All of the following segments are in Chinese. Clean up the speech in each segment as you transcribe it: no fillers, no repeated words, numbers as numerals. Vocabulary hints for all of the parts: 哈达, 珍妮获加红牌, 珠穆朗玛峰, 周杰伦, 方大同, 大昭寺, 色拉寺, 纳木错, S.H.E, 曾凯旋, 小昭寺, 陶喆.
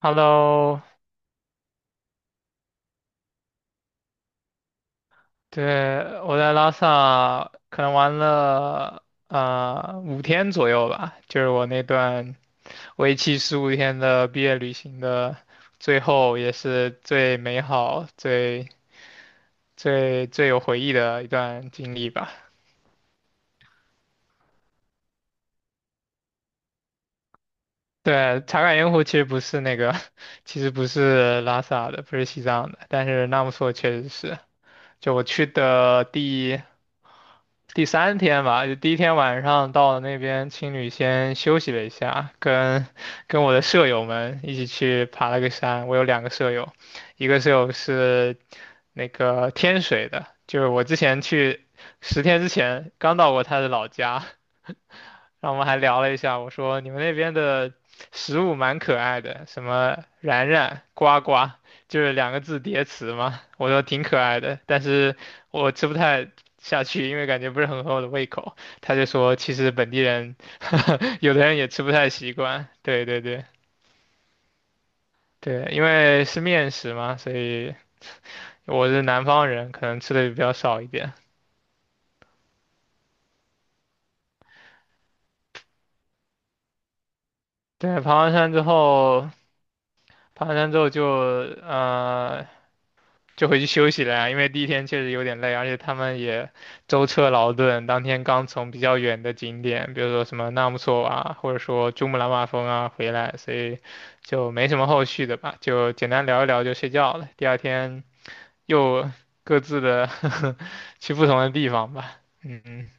Hello，对，我在拉萨可能玩了五天左右吧，就是我那段为期15天的毕业旅行的最后，也是最美好、最最有回忆的一段经历吧。对，茶卡盐湖其实不是那个，其实不是拉萨的，不是西藏的，但是纳木错确实是，就我去的第。第三天吧，就第一天晚上到了那边，青旅先休息了一下，跟我的舍友们一起去爬了个山。我有两个舍友，一个舍友是那个天水的，就是我之前去10天之前刚到过他的老家。然后我们还聊了一下，我说你们那边的食物蛮可爱的，什么然然、呱呱，就是两个字叠词嘛。我说挺可爱的，但是我吃不太下去，因为感觉不是很合我的胃口。他就说，其实本地人 有的人也吃不太习惯。对对对对，因为是面食嘛，所以我是南方人，可能吃的比较少一点。对，爬完山之后呃就回去休息了呀，因为第一天确实有点累，而且他们也舟车劳顿，当天刚从比较远的景点，比如说什么纳木错啊，或者说珠穆朗玛峰啊回来，所以就没什么后续的吧，就简单聊一聊就睡觉了。第二天又各自的 去不同的地方吧。嗯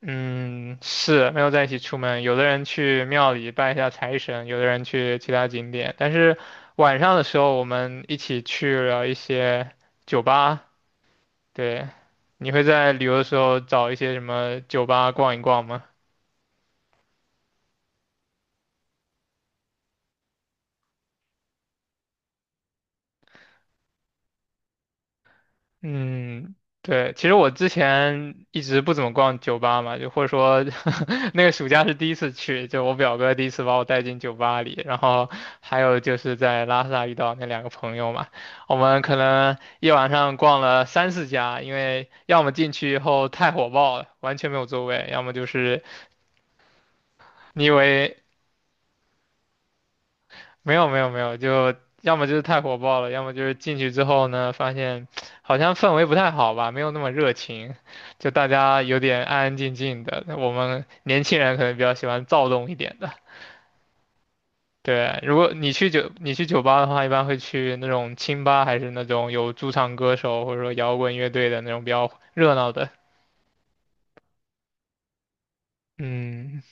嗯，是没有在一起出门，有的人去庙里拜一下财神，有的人去其他景点，但是晚上的时候我们一起去了一些酒吧。对，你会在旅游的时候找一些什么酒吧逛一逛吗？嗯，对，其实我之前一直不怎么逛酒吧嘛，就或者说 那个暑假是第一次去，就我表哥第一次把我带进酒吧里，然后还有就是在拉萨遇到那两个朋友嘛，我们可能一晚上逛了三四家，因为要么进去以后太火爆了，完全没有座位，要么就是你以为没有没有没有，就要么就是太火爆了，要么就是进去之后呢，发现好像氛围不太好吧，没有那么热情，就大家有点安安静静的。我们年轻人可能比较喜欢躁动一点的。对，如果你去酒吧的话，一般会去那种清吧，还是那种有驻唱歌手或者说摇滚乐队的那种比较热闹的。嗯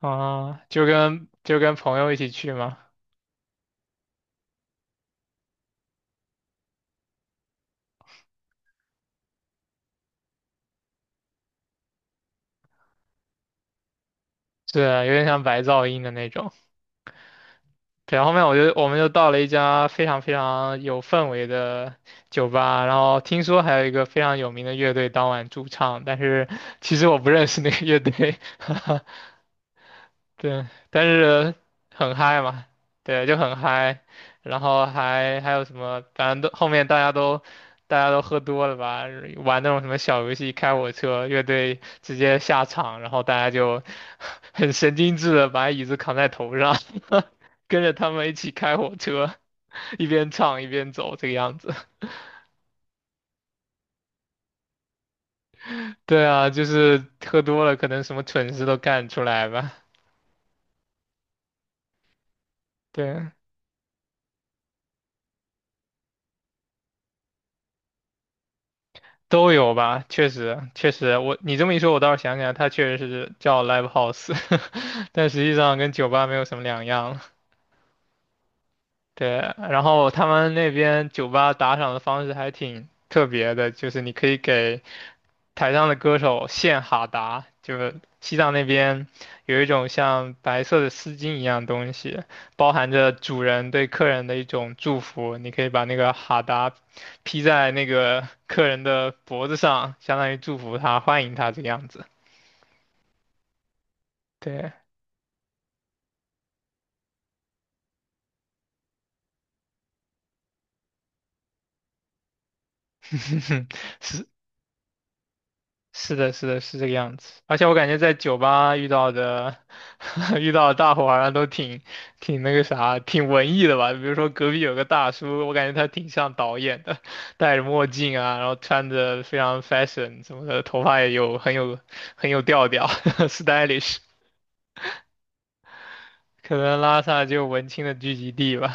啊，就跟朋友一起去嘛。对，有点像白噪音的那种。对，后面我们就到了一家非常非常有氛围的酒吧，然后听说还有一个非常有名的乐队当晚驻唱，但是其实我不认识那个乐队。对，但是很嗨嘛，对，就很嗨，然后还有什么，反正都后面大家都喝多了吧，玩那种什么小游戏，开火车，乐队直接下场，然后大家就 很神经质的把椅子扛在头上，跟着他们一起开火车，一边唱一边走，这个样子。对啊，就是喝多了，可能什么蠢事都干出来吧。对，都有吧，确实，确实，我你这么一说，我倒是想起来，它确实是叫 live house，但实际上跟酒吧没有什么两样。对，然后他们那边酒吧打赏的方式还挺特别的，就是你可以给台上的歌手献哈达，就是西藏那边有一种像白色的丝巾一样东西，包含着主人对客人的一种祝福。你可以把那个哈达披在那个客人的脖子上，相当于祝福他、欢迎他这个样子。对，是是的，是的，是这个样子。而且我感觉在酒吧遇到的，遇到的大伙好像都挺那个啥，挺文艺的吧。比如说隔壁有个大叔，我感觉他挺像导演的，戴着墨镜啊，然后穿着非常 fashion 什么的，头发也有很有调调 ，stylish。可能拉萨就文青的聚集地吧。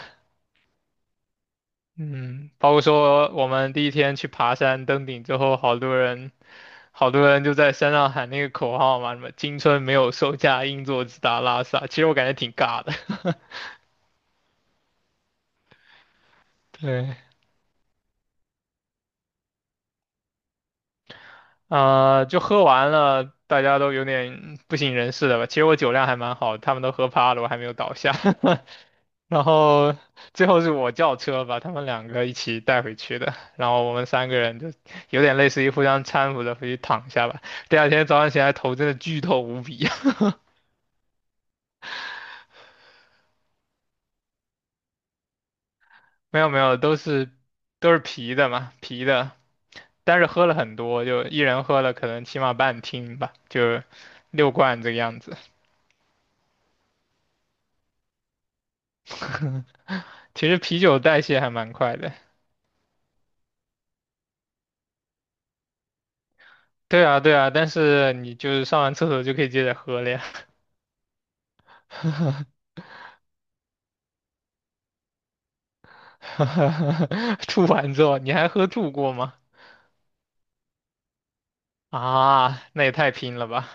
嗯，包括说我们第一天去爬山登顶之后，好多人就在山上喊那个口号嘛，什么“青春没有售价，硬座直达拉萨”。其实我感觉挺尬的。对，就喝完了，大家都有点不省人事了吧？其实我酒量还蛮好，他们都喝趴了，我还没有倒下。然后最后是我叫车把他们两个一起带回去的，然后我们三个人就有点类似于互相搀扶着回去躺下吧。第二天早上起来头真的剧痛无比啊。没有没有，都是啤的嘛，啤的。但是喝了很多，就一人喝了可能起码半听吧，就6罐这个样子。其实啤酒代谢还蛮快的，对啊对啊，但是你就是上完厕所就可以接着喝了呀。吐完之后你还喝吐过吗？啊，那也太拼了吧！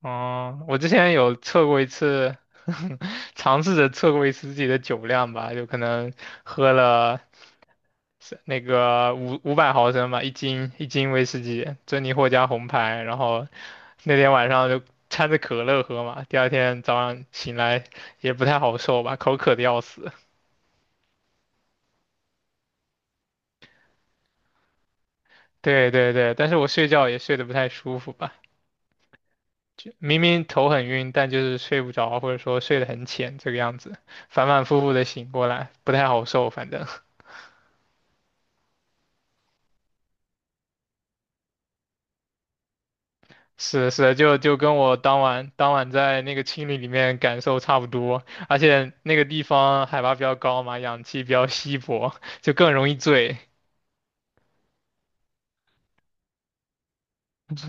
哦，我之前有测过一次，尝试着测过一次自己的酒量吧，就可能喝了是那个500毫升吧，一斤威士忌，珍妮获加红牌，然后那天晚上就掺着可乐喝嘛，第二天早上醒来也不太好受吧，口渴的要死。对对对，但是我睡觉也睡得不太舒服吧。就明明头很晕，但就是睡不着，或者说睡得很浅，这个样子，反反复复的醒过来，不太好受。反正 是的是的，就跟我当晚在那个青旅里面感受差不多，而且那个地方海拔比较高嘛，氧气比较稀薄，就更容易醉。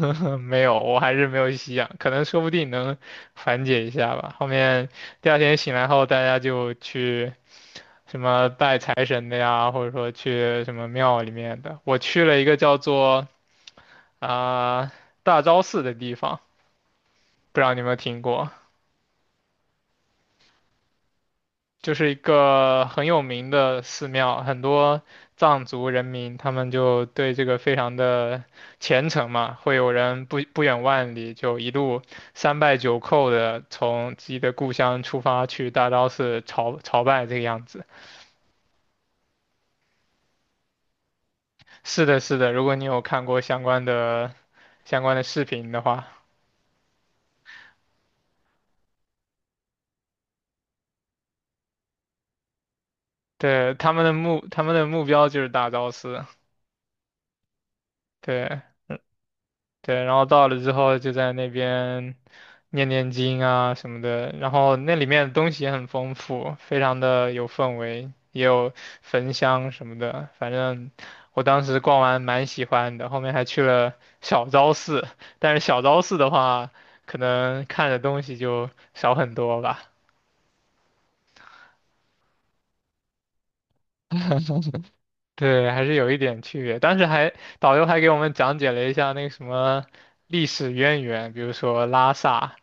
嗯，没有，我还是没有吸氧，可能说不定能缓解一下吧。后面第二天醒来后，大家就去。什么拜财神的呀，或者说去什么庙里面的。我去了一个叫做啊、大昭寺的地方，不知道你有没有听过，就是一个很有名的寺庙，很多藏族人民他们就对这个非常的虔诚嘛，会有人不远万里就一路三拜九叩的从自己的故乡出发去大昭寺朝拜这个样子。是的，是的，如果你有看过相关的视频的话，对，他们的目标就是大昭寺，对。对，然后到了之后就在那边念念经啊什么的，然后那里面的东西也很丰富，非常的有氛围，也有焚香什么的，反正我当时逛完蛮喜欢的，后面还去了小昭寺，但是小昭寺的话，可能看的东西就少很多吧。对，还是有一点区别。当时还导游还给我们讲解了一下那个什么历史渊源，比如说拉萨，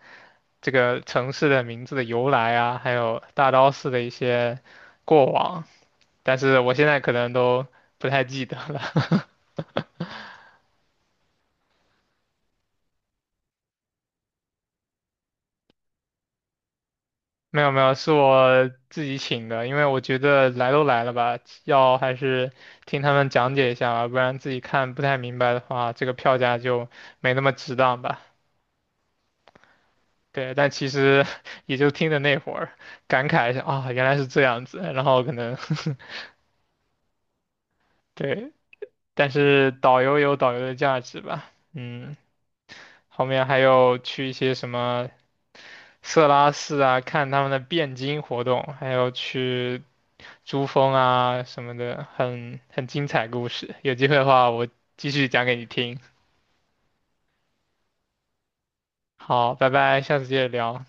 这个城市的名字的由来啊，还有大昭寺的一些过往，但是我现在可能都不太记得了。没有没有，是我自己请的，因为我觉得来都来了吧，要还是听他们讲解一下吧，不然自己看不太明白的话，这个票价就没那么值当吧。对，但其实 也就听的那会儿，感慨一下啊，原来是这样子，然后可能 对，但是导游有导游的价值吧，嗯。后面还有去一些什么色拉寺啊，看他们的汴京活动，还有去珠峰啊什么的，很精彩故事。有机会的话，我继续讲给你听。好，拜拜，下次接着聊。